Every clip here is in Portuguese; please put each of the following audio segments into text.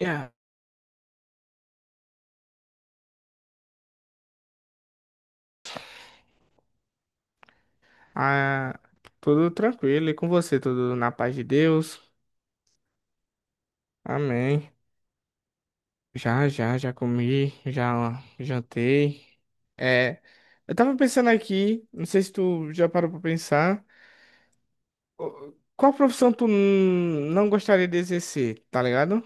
Yeah. Ah, tudo tranquilo e com você, tudo na paz de Deus. Amém. Já, comi, já jantei. É, eu tava pensando aqui, não sei se tu já parou pra pensar, qual profissão tu não gostaria de exercer, tá ligado?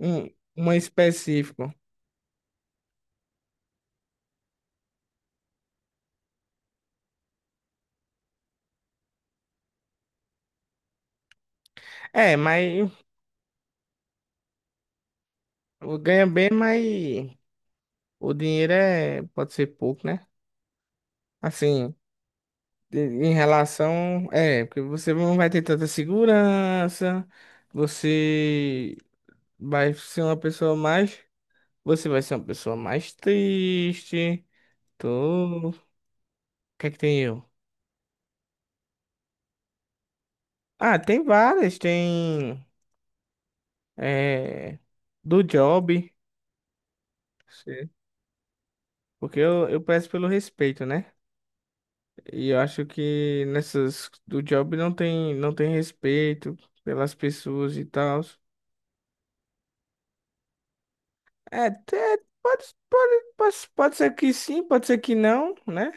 Um, uma específica. É, mas ganha bem, mas o dinheiro é, pode ser pouco, né? Assim. Em relação. É, porque você não vai ter tanta segurança, você vai ser uma pessoa mais. Você vai ser uma pessoa mais triste. Tô... O que é que tem eu? Ah, tem várias, tem. É, do job. Sim. Porque eu peço pelo respeito, né? E eu acho que nessas do job não tem respeito pelas pessoas e tal. É, é, pode, pode ser que sim, pode ser que não, né?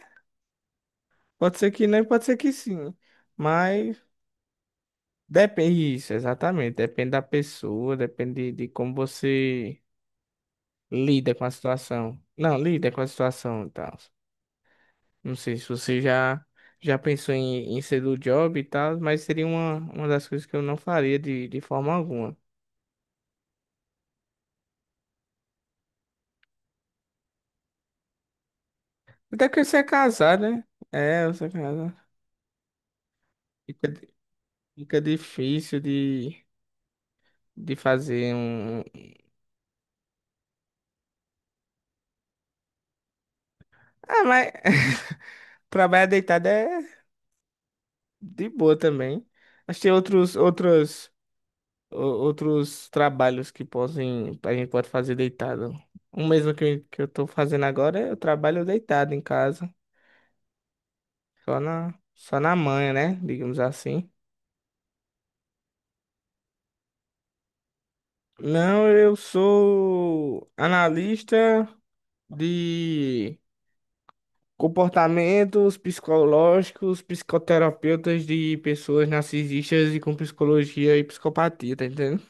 Pode ser que não e pode ser que sim. Mas depende isso, exatamente. Depende da pessoa, depende de como você lida com a situação. Não, lida com a situação e tal. Não sei se você já pensou em ser do job e tal, mas seria uma das coisas que eu não faria de forma alguma. Até que você é casado, né? É, você é casado. Fica, di- fica difícil de fazer um, Ah, mas trabalhar deitado é de boa também. Mas tem outros trabalhos que podem, a gente pode fazer deitado. O mesmo que, que eu tô fazendo agora, eu trabalho deitado em casa, só na manhã, né? Digamos assim. Não, eu sou analista de comportamentos psicológicos, psicoterapeutas de pessoas narcisistas e com psicologia e psicopatia, tá entendendo?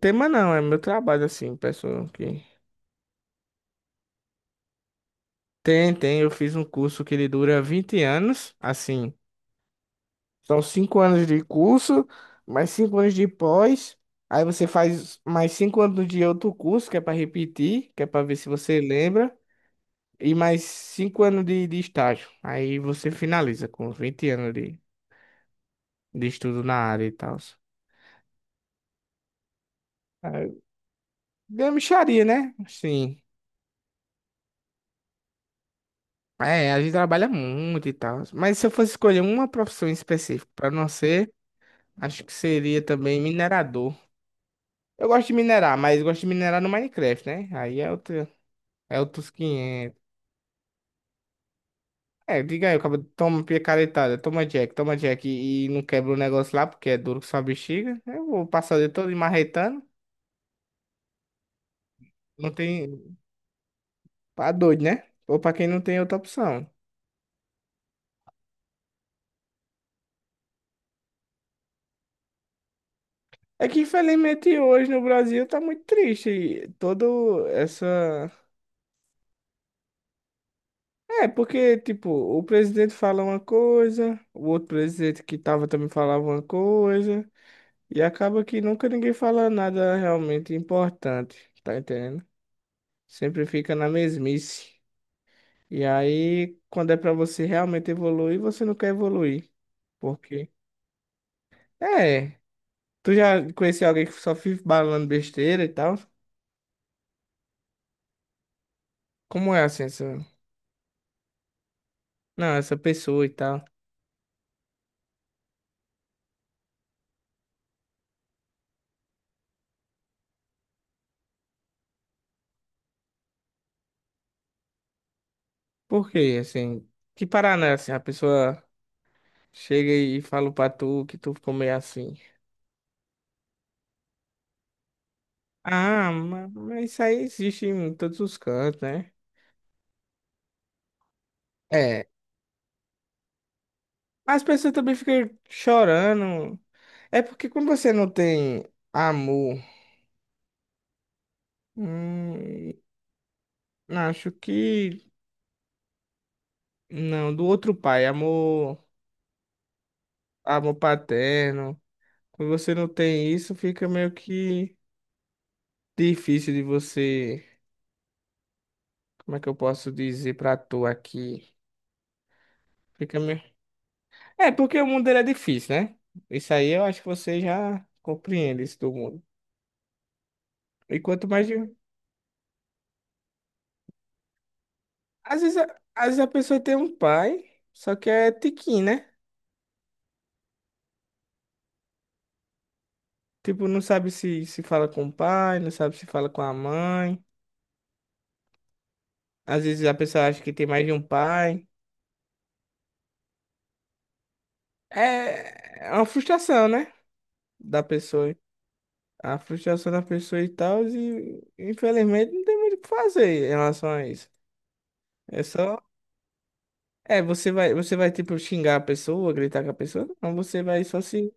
Tema não, é meu trabalho, assim, pessoal que... Tem, tem, eu fiz um curso que ele dura 20 anos, assim, são 5 anos de curso, mais 5 anos de pós, aí você faz mais 5 anos de outro curso, que é para repetir, que é para ver se você lembra, e mais 5 anos de estágio, aí você finaliza com 20 anos de estudo na área e tal. Aí, Gamicharia, né? Sim. É, a gente trabalha muito e tal. Mas se eu fosse escolher uma profissão específica para não ser, acho que seria também minerador. Eu gosto de minerar, mas gosto de minerar no Minecraft, né? Aí é outro, é outros 500. É, diga aí, eu acabo toma picaretada, toma Jack e não quebra o negócio lá porque é duro que só uma bexiga. Eu vou passar o dia todo marretando. Não tem. Pra doido, né? Ou pra quem não tem outra opção. É que infelizmente hoje no Brasil tá muito triste. E todo essa. É, porque, tipo, o presidente fala uma coisa, o outro presidente que tava também falava uma coisa. E acaba que nunca ninguém fala nada realmente importante, tá entendendo? Sempre fica na mesmice. E aí, quando é pra você realmente evoluir, você não quer evoluir. Por quê? É. Tu já conheceu alguém que só fica balando besteira e tal? Como é assim, essa... Não, essa pessoa e tal. Por quê, assim? Que parada é assim? A pessoa chega e fala pra tu que tu ficou meio assim. Mas isso aí existe em todos os cantos, né? É. As pessoas também ficam chorando. É porque quando você não tem amor, hum, acho que não, do outro pai, amor, amor paterno. Quando você não tem isso, fica meio que difícil de você, como é que eu posso dizer pra tu aqui? Fica meio... É porque o mundo ele é difícil, né? Isso aí eu acho que você já compreende isso do mundo. E quanto mais de... às vezes a pessoa tem um pai, só que é tiquinho, né? Tipo, não sabe se fala com o pai, não sabe se fala com a mãe. Às vezes a pessoa acha que tem mais de um pai. É, é uma frustração, né? Da pessoa. A frustração da pessoa e tal. E infelizmente não tem muito o que fazer em relação a isso. É só. É, você vai, tipo, xingar a pessoa, gritar com a pessoa. Não, você vai só se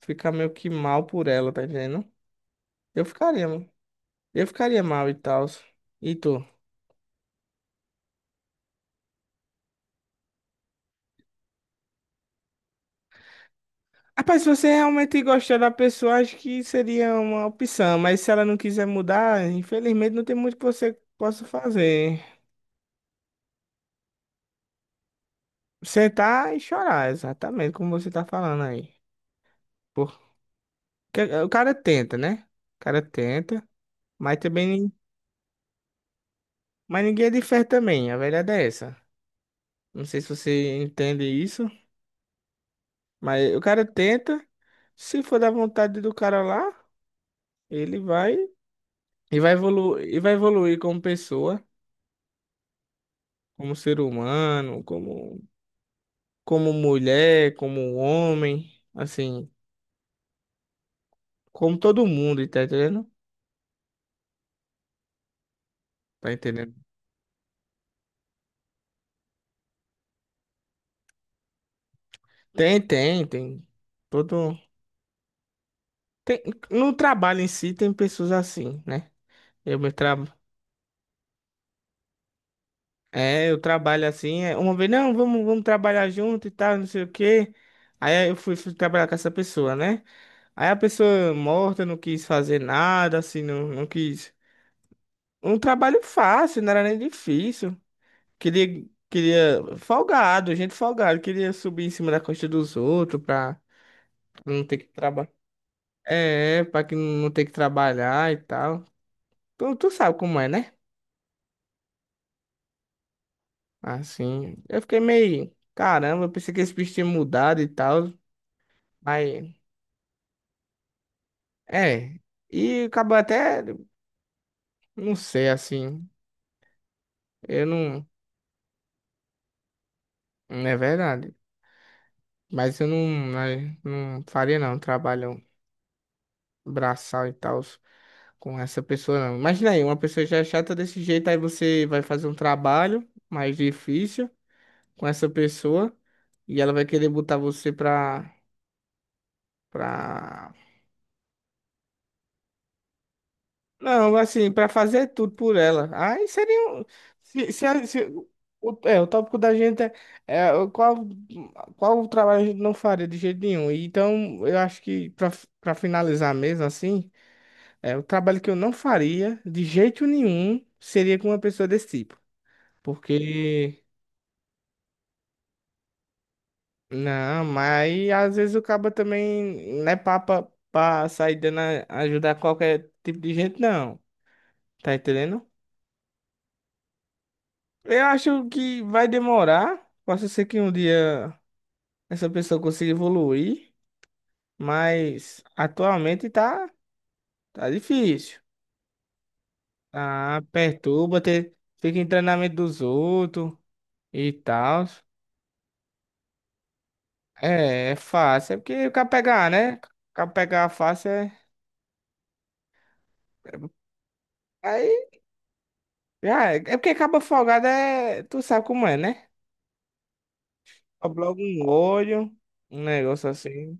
ficar meio que mal por ela, tá entendendo? Eu ficaria, mano. Eu ficaria mal e tal. E tu? Rapaz, se você realmente gostar da pessoa, acho que seria uma opção, mas se ela não quiser mudar, infelizmente não tem muito que você possa fazer. Sentar e chorar, exatamente como você tá falando aí. Porque o cara tenta, né? O cara tenta, mas também, nin- mas ninguém é de fé também, a verdade é essa. Não sei se você entende isso, mas o cara tenta, se for da vontade do cara lá, ele vai e vai evoluir como pessoa, como ser humano, como mulher, como homem, assim, como todo mundo, tá entendendo? Tá entendendo? Tem. Todo. Tem, no trabalho em si tem pessoas assim, né? Eu me tra... eu trabalho assim. É, Uma vez, não, vamos trabalhar junto e tal, não sei o quê. Aí eu fui, fui trabalhar com essa pessoa, né? Aí a pessoa morta não quis fazer nada, assim, não, não quis. Um trabalho fácil, não era nem difícil. Queria, folgado, gente folgado, queria subir em cima da costa dos outros pra não ter que trabalhar. É, pra que não ter que trabalhar e tal. Tu sabe como é, né? Assim, eu fiquei meio, caramba, eu pensei que esse bicho tinha mudado e tal, mas, é. E acabou até, não sei, assim, eu não, não é verdade. Mas eu não, não faria não, um trabalho braçal e tal com essa pessoa, não. Imagina aí, uma pessoa já é chata desse jeito, aí você vai fazer um trabalho mais difícil com essa pessoa e ela vai querer botar você pra... Não, assim, pra fazer tudo por ela. Aí seria um... Se, a- se- o, é, o tópico da gente é, é o qual, qual o trabalho a gente não faria de jeito nenhum. Então, eu acho que pra, pra finalizar mesmo, assim... É, o trabalho que eu não faria de jeito nenhum seria com uma pessoa desse tipo. Porque, não, mas às vezes o cabo também não é papa pra sair ajudar qualquer tipo de gente, não. Tá entendendo? Eu acho que vai demorar. Posso ser que um dia essa pessoa consiga evoluir, mas atualmente tá, tá difícil. Ah, perturba, fica em treinamento dos outros e tal. É, é fácil. É porque o cara pegar, né? O cara pegar fácil é. Aí, já é. É porque cabo folgado é. Tu sabe como é, né? Dobra logo um olho, um negócio assim.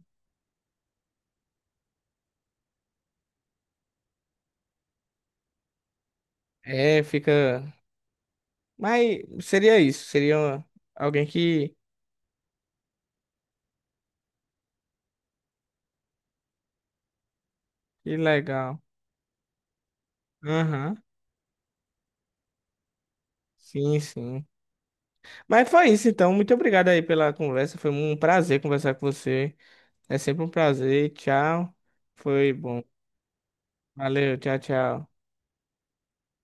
É, fica. Mas seria isso. Seria alguém que. Que legal. Aham. Sim, sim. Mas foi isso, então. Muito obrigado aí pela conversa. Foi um prazer conversar com você. É sempre um prazer. Tchau. Foi bom. Valeu, tchau, tchau.